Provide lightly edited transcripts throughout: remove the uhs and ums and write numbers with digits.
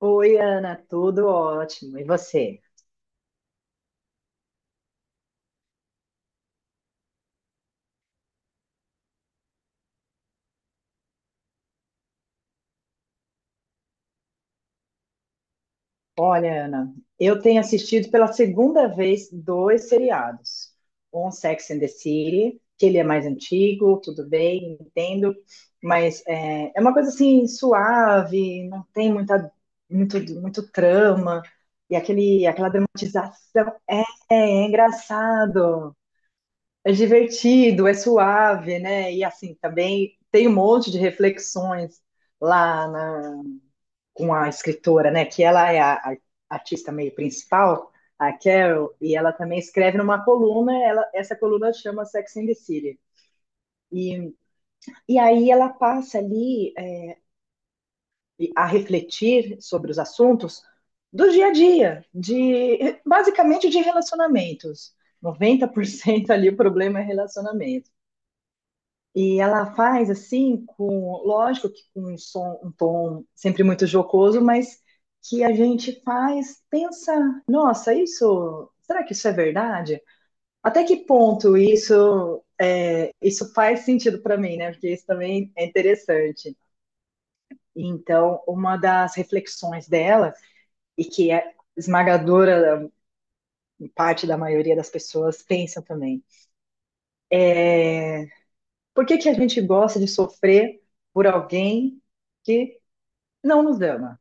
Oi, Ana, tudo ótimo. E você? Olha, Ana, eu tenho assistido pela segunda vez dois seriados. Um Sex and the City, que ele é mais antigo, tudo bem, entendo, mas é uma coisa assim suave, não tem muita, muito, muito trama, e aquela dramatização é engraçado, é divertido, é suave, né? E assim, também tem um monte de reflexões lá com a escritora, né? Que ela é a artista meio principal, a Carol, e ela também escreve numa coluna, essa coluna chama Sex and the City. E, e aí ela passa ali a refletir sobre os assuntos do dia a dia, de basicamente de relacionamentos. 90% ali o problema é relacionamento. E ela faz assim, lógico que com um tom sempre muito jocoso, mas que a gente faz, pensa, nossa, isso, será que isso é verdade? Até que ponto isso faz sentido para mim, né? Porque isso também é interessante. Então, uma das reflexões dela e que é esmagadora parte da maioria das pessoas pensam também. Por que que a gente gosta de sofrer por alguém que não nos ama?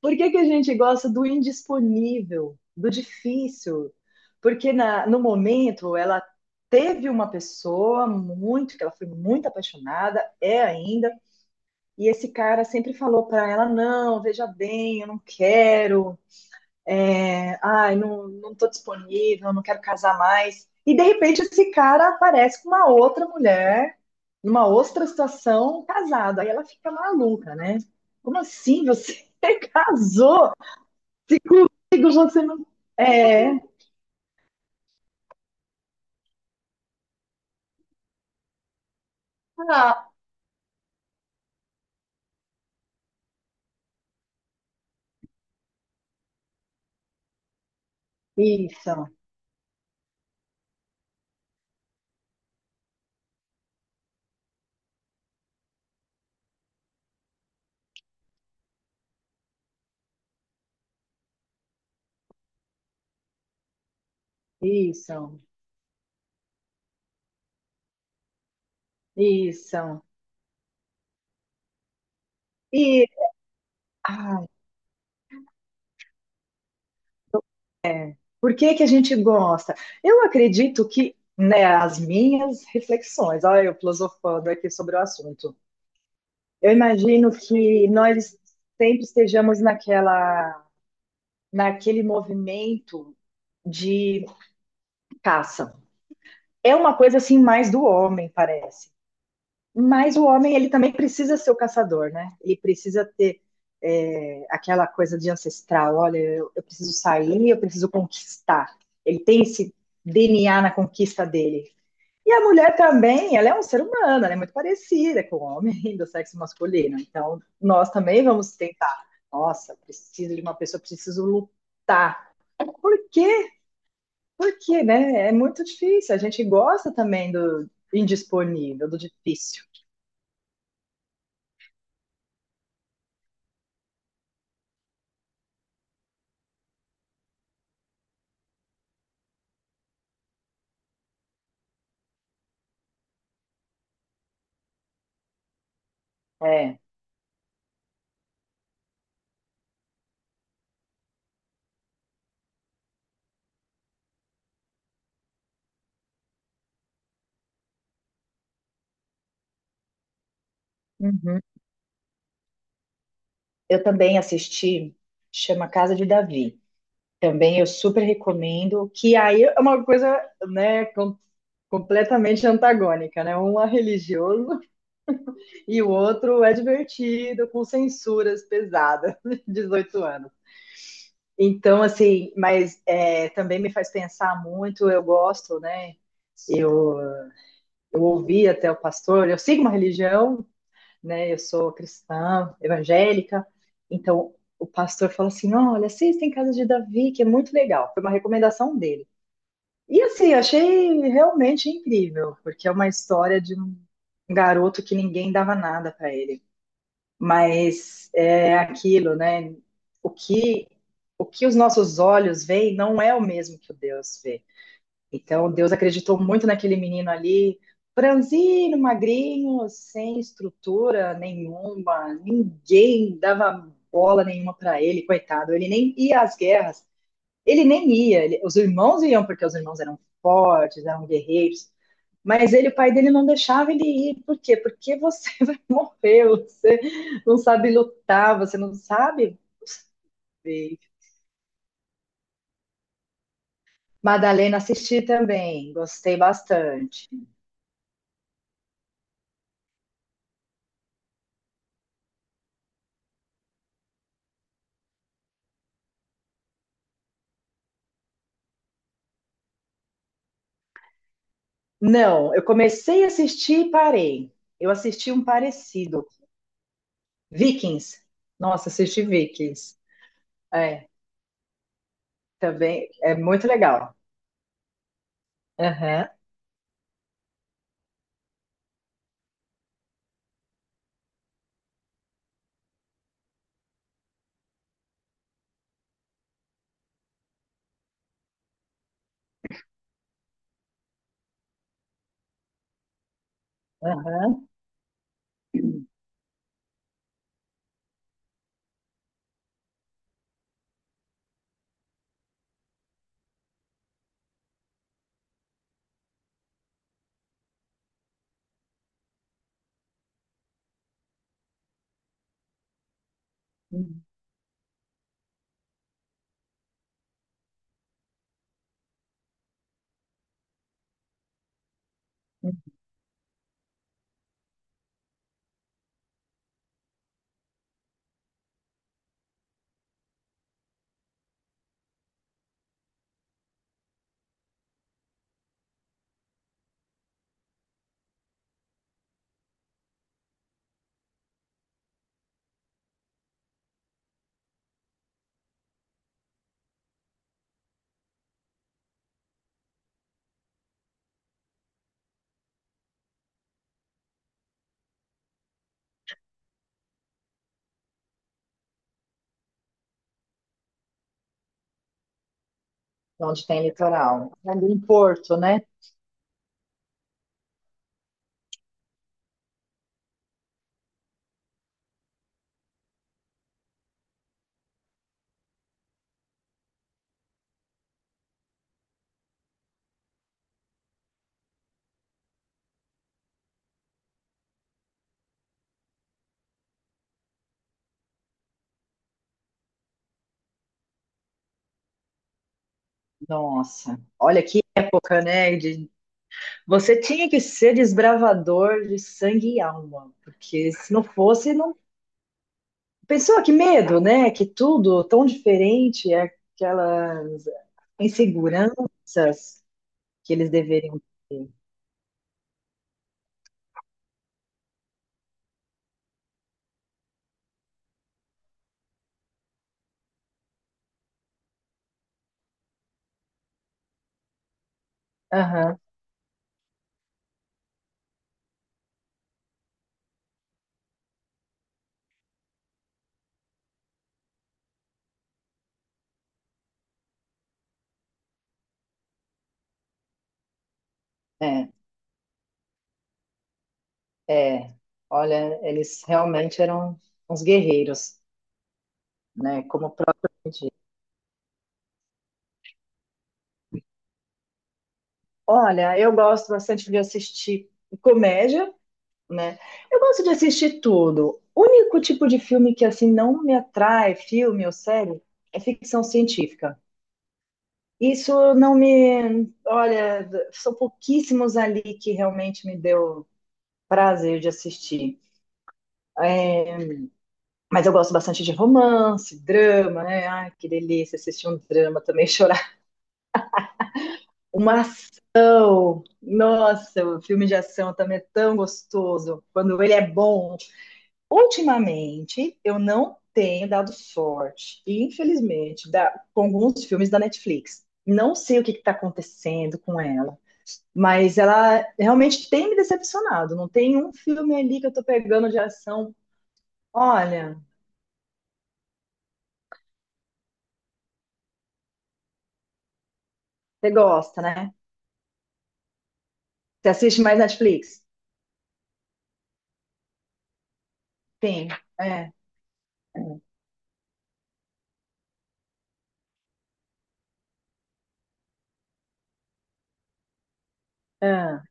Por que que a gente gosta do indisponível, do difícil? Porque no momento ela teve uma pessoa que ela foi muito apaixonada, é ainda, e esse cara sempre falou para ela, não, veja bem, eu não quero, ai, não, não tô disponível, não quero casar mais. E de repente esse cara aparece com uma outra mulher, numa outra situação, casado. Aí ela fica maluca, né? Como assim você casou? Se comigo você não. É. Ah, isso, isso, isso. E ai, por que que a gente gosta? Eu acredito que, né, as minhas reflexões, olha, eu filosofando aqui sobre o assunto. Eu imagino que nós sempre estejamos naquele movimento de caça. É uma coisa assim mais do homem, parece. Mas o homem, ele também precisa ser o caçador, né? Ele precisa ter aquela coisa de ancestral, olha, eu preciso sair, eu preciso conquistar. Ele tem esse DNA na conquista dele. E a mulher também, ela é um ser humano, ela é muito parecida com o homem do sexo masculino. Então, nós também vamos tentar. Nossa, preciso de uma pessoa, preciso lutar. Por quê? Porque, né? É muito difícil. A gente gosta também do indisponível, do difícil. É. Uhum. Eu também assisti, chama Casa de Davi. Também eu super recomendo, que aí é uma coisa, né, completamente antagônica, né? Um é religioso e o outro é divertido, com censuras pesadas, 18 anos. Então, assim, mas é, também me faz pensar muito, eu gosto, né? Eu, eu ouvi até o pastor, eu sigo uma religião, né? Eu sou cristã, evangélica, então o pastor falou assim: olha, assistem Casa de Davi, que é muito legal. Foi uma recomendação dele. E assim, eu achei realmente incrível, porque é uma história de um garoto que ninguém dava nada para ele. Mas é aquilo, né? O que, o que os nossos olhos veem não é o mesmo que o Deus vê. Então, Deus acreditou muito naquele menino ali, franzino, magrinho, sem estrutura nenhuma, ninguém dava bola nenhuma para ele, coitado. Ele nem ia às guerras, ele nem ia. Ele- os irmãos iam porque os irmãos eram fortes, eram guerreiros. Mas ele, o pai dele não deixava ele ir. Por quê? Porque você vai morrer, você não sabe lutar, você não sabe. Ver. Madalena assisti também, gostei bastante. Não, eu comecei a assistir e parei. Eu assisti um parecido, Vikings. Nossa, assisti Vikings. É, também é muito legal. Aham, aham. Hum, hum. Onde tem litoral? Ali em Porto, né? Nossa, olha que época, né? De- Você tinha que ser desbravador de sangue e alma, porque se não fosse, não. Pessoa, que medo, né? Que tudo tão diferente, aquelas inseguranças. Que eles deveriam ter. Aham, é, é. Olha, eles realmente eram uns guerreiros, né? Como o próprio diz. Olha, eu gosto bastante de assistir comédia, né? Eu gosto de assistir tudo. O único tipo de filme que assim não me atrai, filme ou série, é ficção científica. Isso não me, olha, são pouquíssimos ali que realmente me deu prazer de assistir. É. Mas eu gosto bastante de romance, drama, né? Ai, que delícia assistir um drama também, chorar. Uma ação. Nossa, o filme de ação também é tão gostoso. Quando ele é bom. Ultimamente, eu não tenho dado sorte. E, infelizmente, dá, com alguns filmes da Netflix. Não sei o que está acontecendo com ela. Mas ela realmente tem me decepcionado. Não tem um filme ali que eu tô pegando de ação. Olha, você gosta, né? Você assiste mais Netflix? Sim, é. Ah,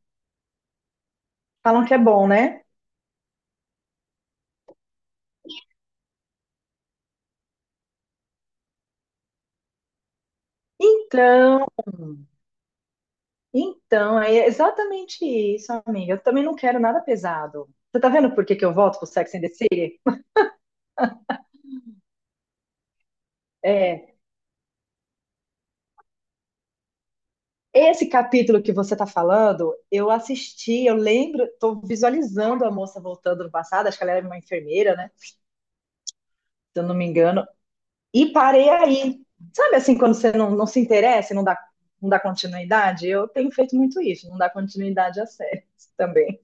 falam que é bom, né? Então, então, é exatamente isso, amiga. Eu também não quero nada pesado. Você tá vendo por que que eu volto pro Sex and the City? É, esse capítulo que você tá falando, eu assisti, eu lembro, tô visualizando a moça voltando no passado, acho que ela era uma enfermeira, né? Se eu não me engano, e parei aí. Sabe assim, quando você não, não se interessa, e não dá, não dá continuidade? Eu tenho feito muito isso, não dá continuidade a séries também.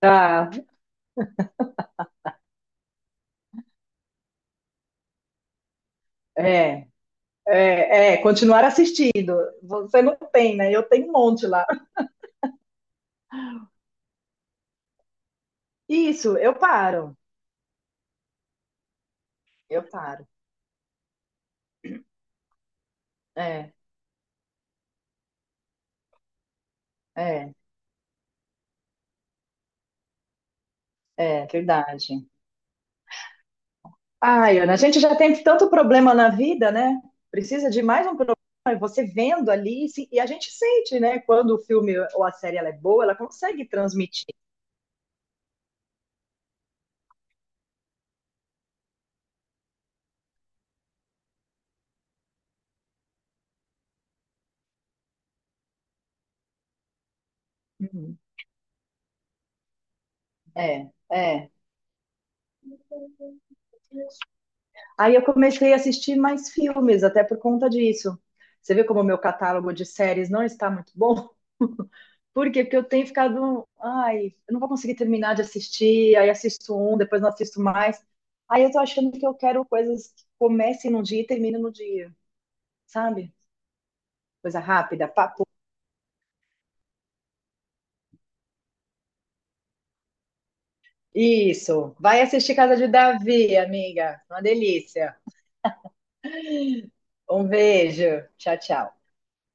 Tá, é. É, é, continuar assistindo. Você não tem, né? Eu tenho um monte lá. Isso, eu paro. Eu paro. É, é, é verdade. Ai, Ana, a gente já tem tanto problema na vida, né? Precisa de mais um problema. E você vendo ali, se- e a gente sente, né? Quando o filme ou a série ela é boa, ela consegue transmitir. Uhum. É, é. Aí eu comecei a assistir mais filmes, até por conta disso. Você vê como o meu catálogo de séries não está muito bom? Por quê? Porque eu tenho ficado, ai, eu não vou conseguir terminar de assistir, aí assisto um, depois não assisto mais. Aí eu tô achando que eu quero coisas que comecem num dia e terminem no dia, sabe? Coisa rápida, papo. Isso. Vai assistir Casa de Davi, amiga. Uma delícia. Um beijo. Tchau, tchau.